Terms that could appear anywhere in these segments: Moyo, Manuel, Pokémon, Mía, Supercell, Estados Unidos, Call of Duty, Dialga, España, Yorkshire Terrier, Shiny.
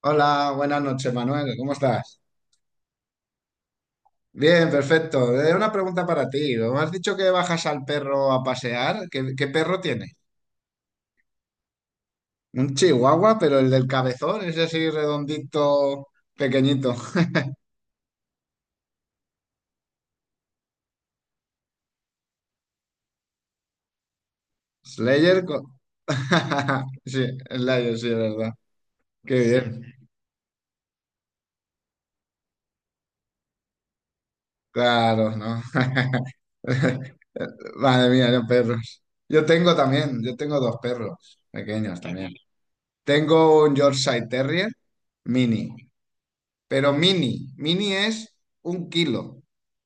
Hola, buenas noches, Manuel. ¿Cómo estás? Bien, perfecto. Una pregunta para ti. Me has dicho que bajas al perro a pasear. ¿Qué perro tienes? Un chihuahua, pero el del cabezón, ese así redondito, pequeñito. Slayer. Sí, Slayer, sí, es verdad. Qué bien. Claro, ¿no? Madre mía, los perros. Yo tengo dos perros pequeños también. Tengo un Yorkshire Terrier mini. Pero mini, mini es un kilo,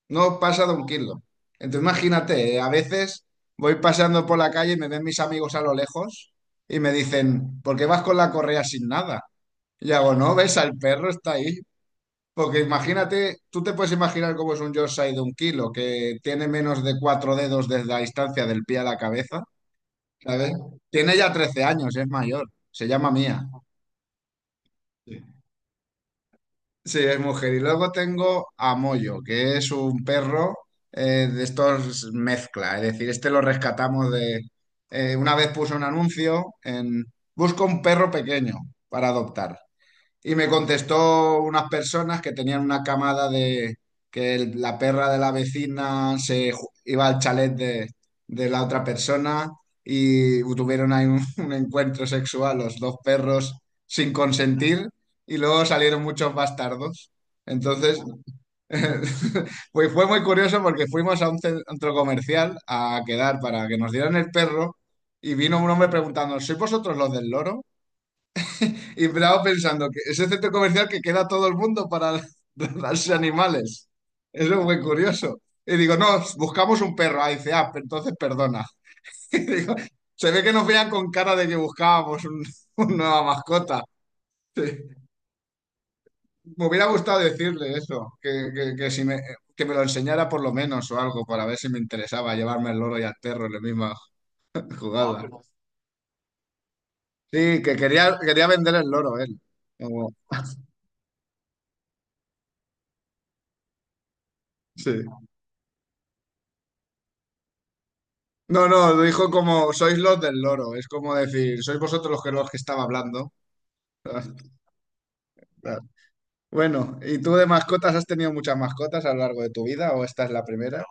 no pasa de un kilo. Entonces imagínate, a veces voy paseando por la calle y me ven mis amigos a lo lejos y me dicen, ¿por qué vas con la correa sin nada? Y hago, no, ves, el perro está ahí. Porque imagínate, tú te puedes imaginar cómo es un Yorkshire de un kilo, que tiene menos de 4 dedos desde la distancia del pie a la cabeza, ¿sabes? Tiene ya 13 años, es mayor, se llama Mía. Sí, es mujer. Y luego tengo a Moyo, que es un perro de estos mezcla. Es decir, este lo rescatamos de... Una vez puso un anuncio en... Busco un perro pequeño para adoptar. Y me contestó unas personas que tenían una camada de que la perra de la vecina se iba al chalet de la otra persona y tuvieron ahí un encuentro sexual los dos perros sin consentir y luego salieron muchos bastardos. Entonces, pues fue muy curioso porque fuimos a un centro comercial a quedar para que nos dieran el perro y vino un hombre preguntando, ¿sois vosotros los del loro? Y Bravo pensando que ese centro comercial que queda todo el mundo para darse animales. Eso es muy curioso. Y digo, no, buscamos un perro. Ah, dice, ah, entonces perdona. Y digo, se ve que nos vean con cara de que buscábamos una nueva mascota. Sí. Me hubiera gustado decirle eso, que si me, que me lo enseñara por lo menos o algo, para ver si me interesaba llevarme el loro y al perro en la misma... No, jugada. Sí, que quería vender el loro él. Como- sí. No, no, dijo como, sois los del loro, es como decir, sois vosotros los que, estaba hablando. Bueno, ¿y tú de mascotas has tenido muchas mascotas a lo largo de tu vida o esta es la primera?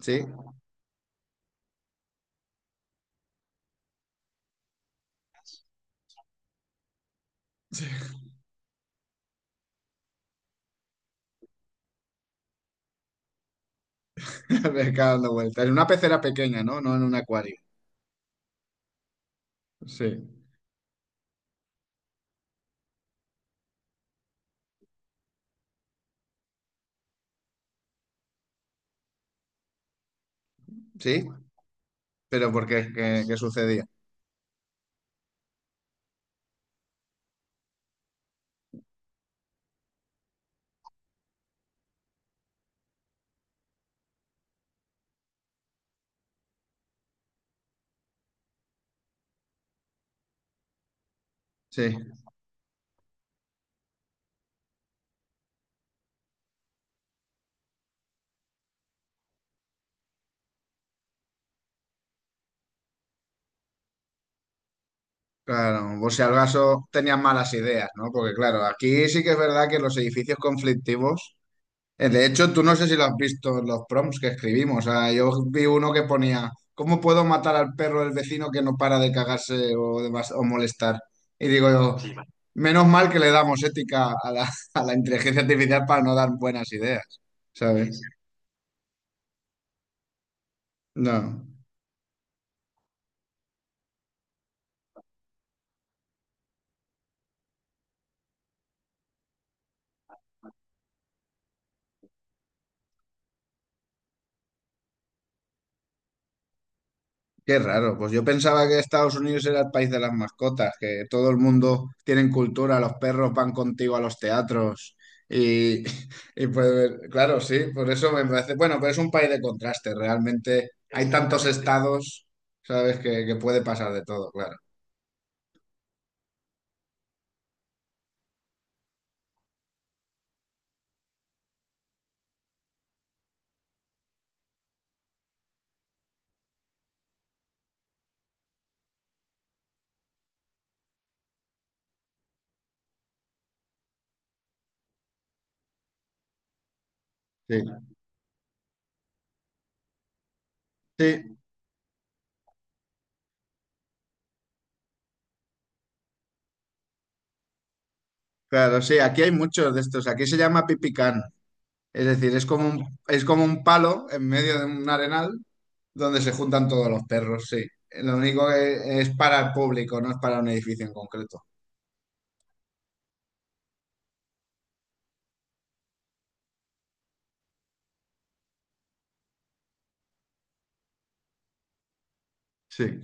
Sí, me cago dando vueltas. En una pecera pequeña, ¿no? No en un acuario. Sí, sí, pero ¿por qué? ¿Qué sucedía? Sí, claro, o si al caso tenían malas ideas, ¿no? Porque claro, aquí sí que es verdad que los edificios conflictivos... De hecho, tú no sé si lo has visto en los prompts que escribimos. O sea, yo vi uno que ponía, ¿cómo puedo matar al perro del vecino que no para de cagarse o molestar? Y digo yo, sí, man. Menos mal que le damos ética a a la inteligencia artificial para no dar buenas ideas, ¿sabes? No. Qué raro, pues yo pensaba que Estados Unidos era el país de las mascotas, que todo el mundo tiene cultura, los perros van contigo a los teatros y, y pues claro, sí, por eso me parece, bueno, pero es un país de contraste, realmente hay tantos estados, sabes, que puede pasar de todo, claro. Sí, sí, claro, sí, aquí hay muchos de estos, aquí se llama pipicán, es decir, es como un palo en medio de un arenal donde se juntan todos los perros, sí. Lo único que es para el público, no es para un edificio en concreto. Sí,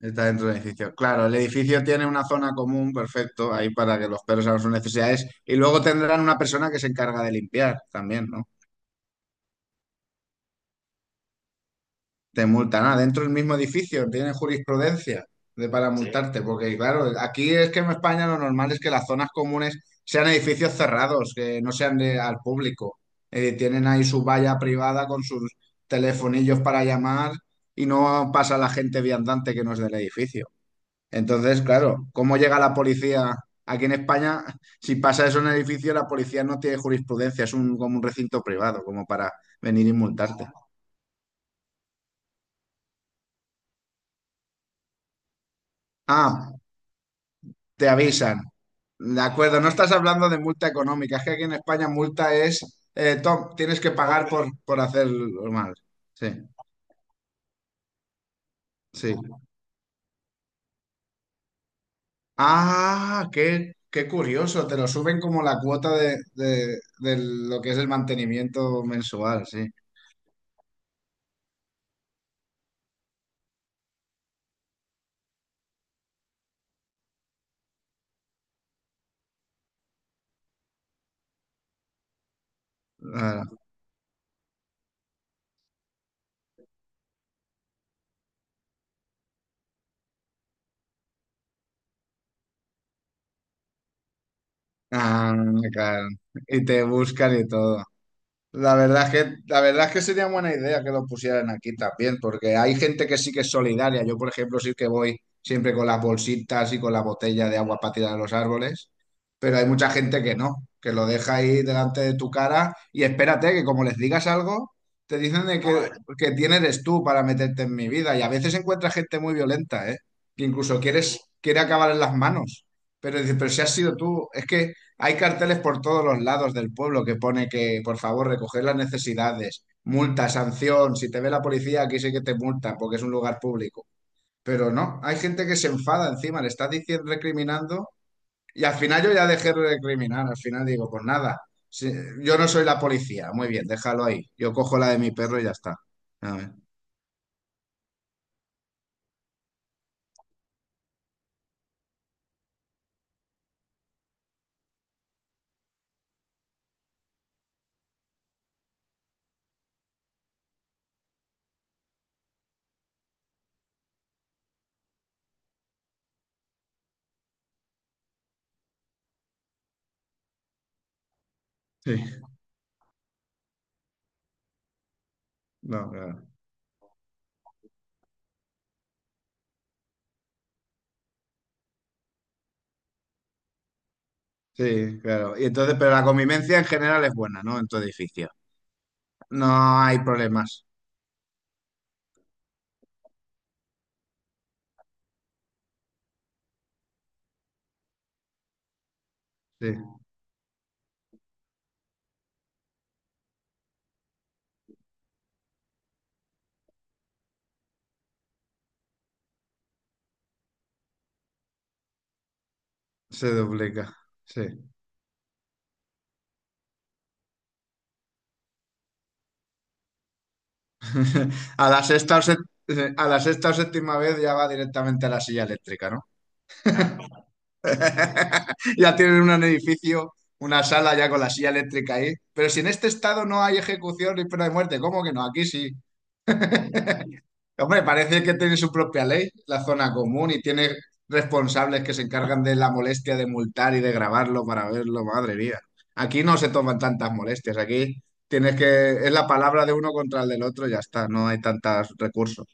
está dentro del edificio. Claro, el edificio tiene una zona común, perfecto, ahí para que los perros hagan sus necesidades. Y luego tendrán una persona que se encarga de limpiar también, ¿no? Te multan. Ah, dentro del mismo edificio, tienen jurisprudencia para, sí, multarte, porque claro, aquí es que en España lo normal es que las zonas comunes sean edificios cerrados, que no sean al público. Tienen ahí su valla privada con sus telefonillos para llamar y no pasa la gente viandante que no es del edificio. Entonces, claro, ¿cómo llega la policía? Aquí en España, si pasa eso en el edificio, la policía no tiene jurisprudencia, es un, como un recinto privado, como para venir y multarte. Ah, te avisan. De acuerdo, no estás hablando de multa económica, es que aquí en España multa es, Tom, tienes que pagar por hacerlo mal. Sí, sí. Ah, qué curioso, te lo suben como la cuota de lo que es el mantenimiento mensual, sí. Claro. Ah, claro. Y te buscan y todo. La verdad es que sería buena idea que lo pusieran aquí también, porque hay gente que sí que es solidaria. Yo, por ejemplo, sí que voy siempre con las bolsitas y con la botella de agua para tirar a los árboles, pero hay mucha gente que no, que lo deja ahí delante de tu cara y espérate que como les digas algo, te dicen de que quién eres tú para meterte en mi vida. Y a veces encuentras gente muy violenta, ¿eh? Que incluso quiere acabar en las manos, pero dices, pero si has sido tú, es que hay carteles por todos los lados del pueblo que pone que, por favor, recoger las necesidades, multa, sanción, si te ve la policía, aquí sí que te multan porque es un lugar público. Pero no, hay gente que se enfada encima, le estás diciendo, recriminando y al final yo ya dejé de recriminar, al final digo, pues nada, si- yo no soy la policía, muy bien, déjalo ahí, yo cojo la de mi perro y ya está. A ver, sí, no, claro. Sí, claro. Y entonces, pero la convivencia en general es buena, ¿no? En tu edificio. No hay problemas. Sí, se duplica. Sí. A la A la sexta o séptima vez ya va directamente a la silla eléctrica, ¿no? Ya tienen un edificio, una sala ya con la silla eléctrica ahí. Pero si en este estado no hay ejecución ni pena de muerte, ¿cómo que no? Aquí sí. Hombre, parece que tiene su propia ley, la zona común, y tiene responsables que se encargan de la molestia de multar y de grabarlo para verlo, madre mía. Aquí no se toman tantas molestias, aquí tienes que, es la palabra de uno contra el del otro, y ya está, no hay tantos recursos.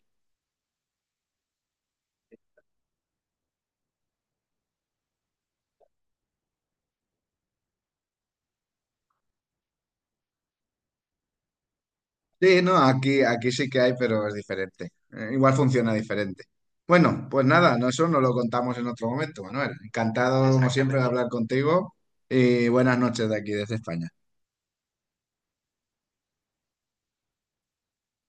Sí, no, aquí sí que hay, pero es diferente. Igual funciona diferente. Bueno, pues nada, no, eso nos lo contamos en otro momento, Manuel. Encantado, como siempre, de Exactamente. Hablar contigo y buenas noches de aquí, desde España.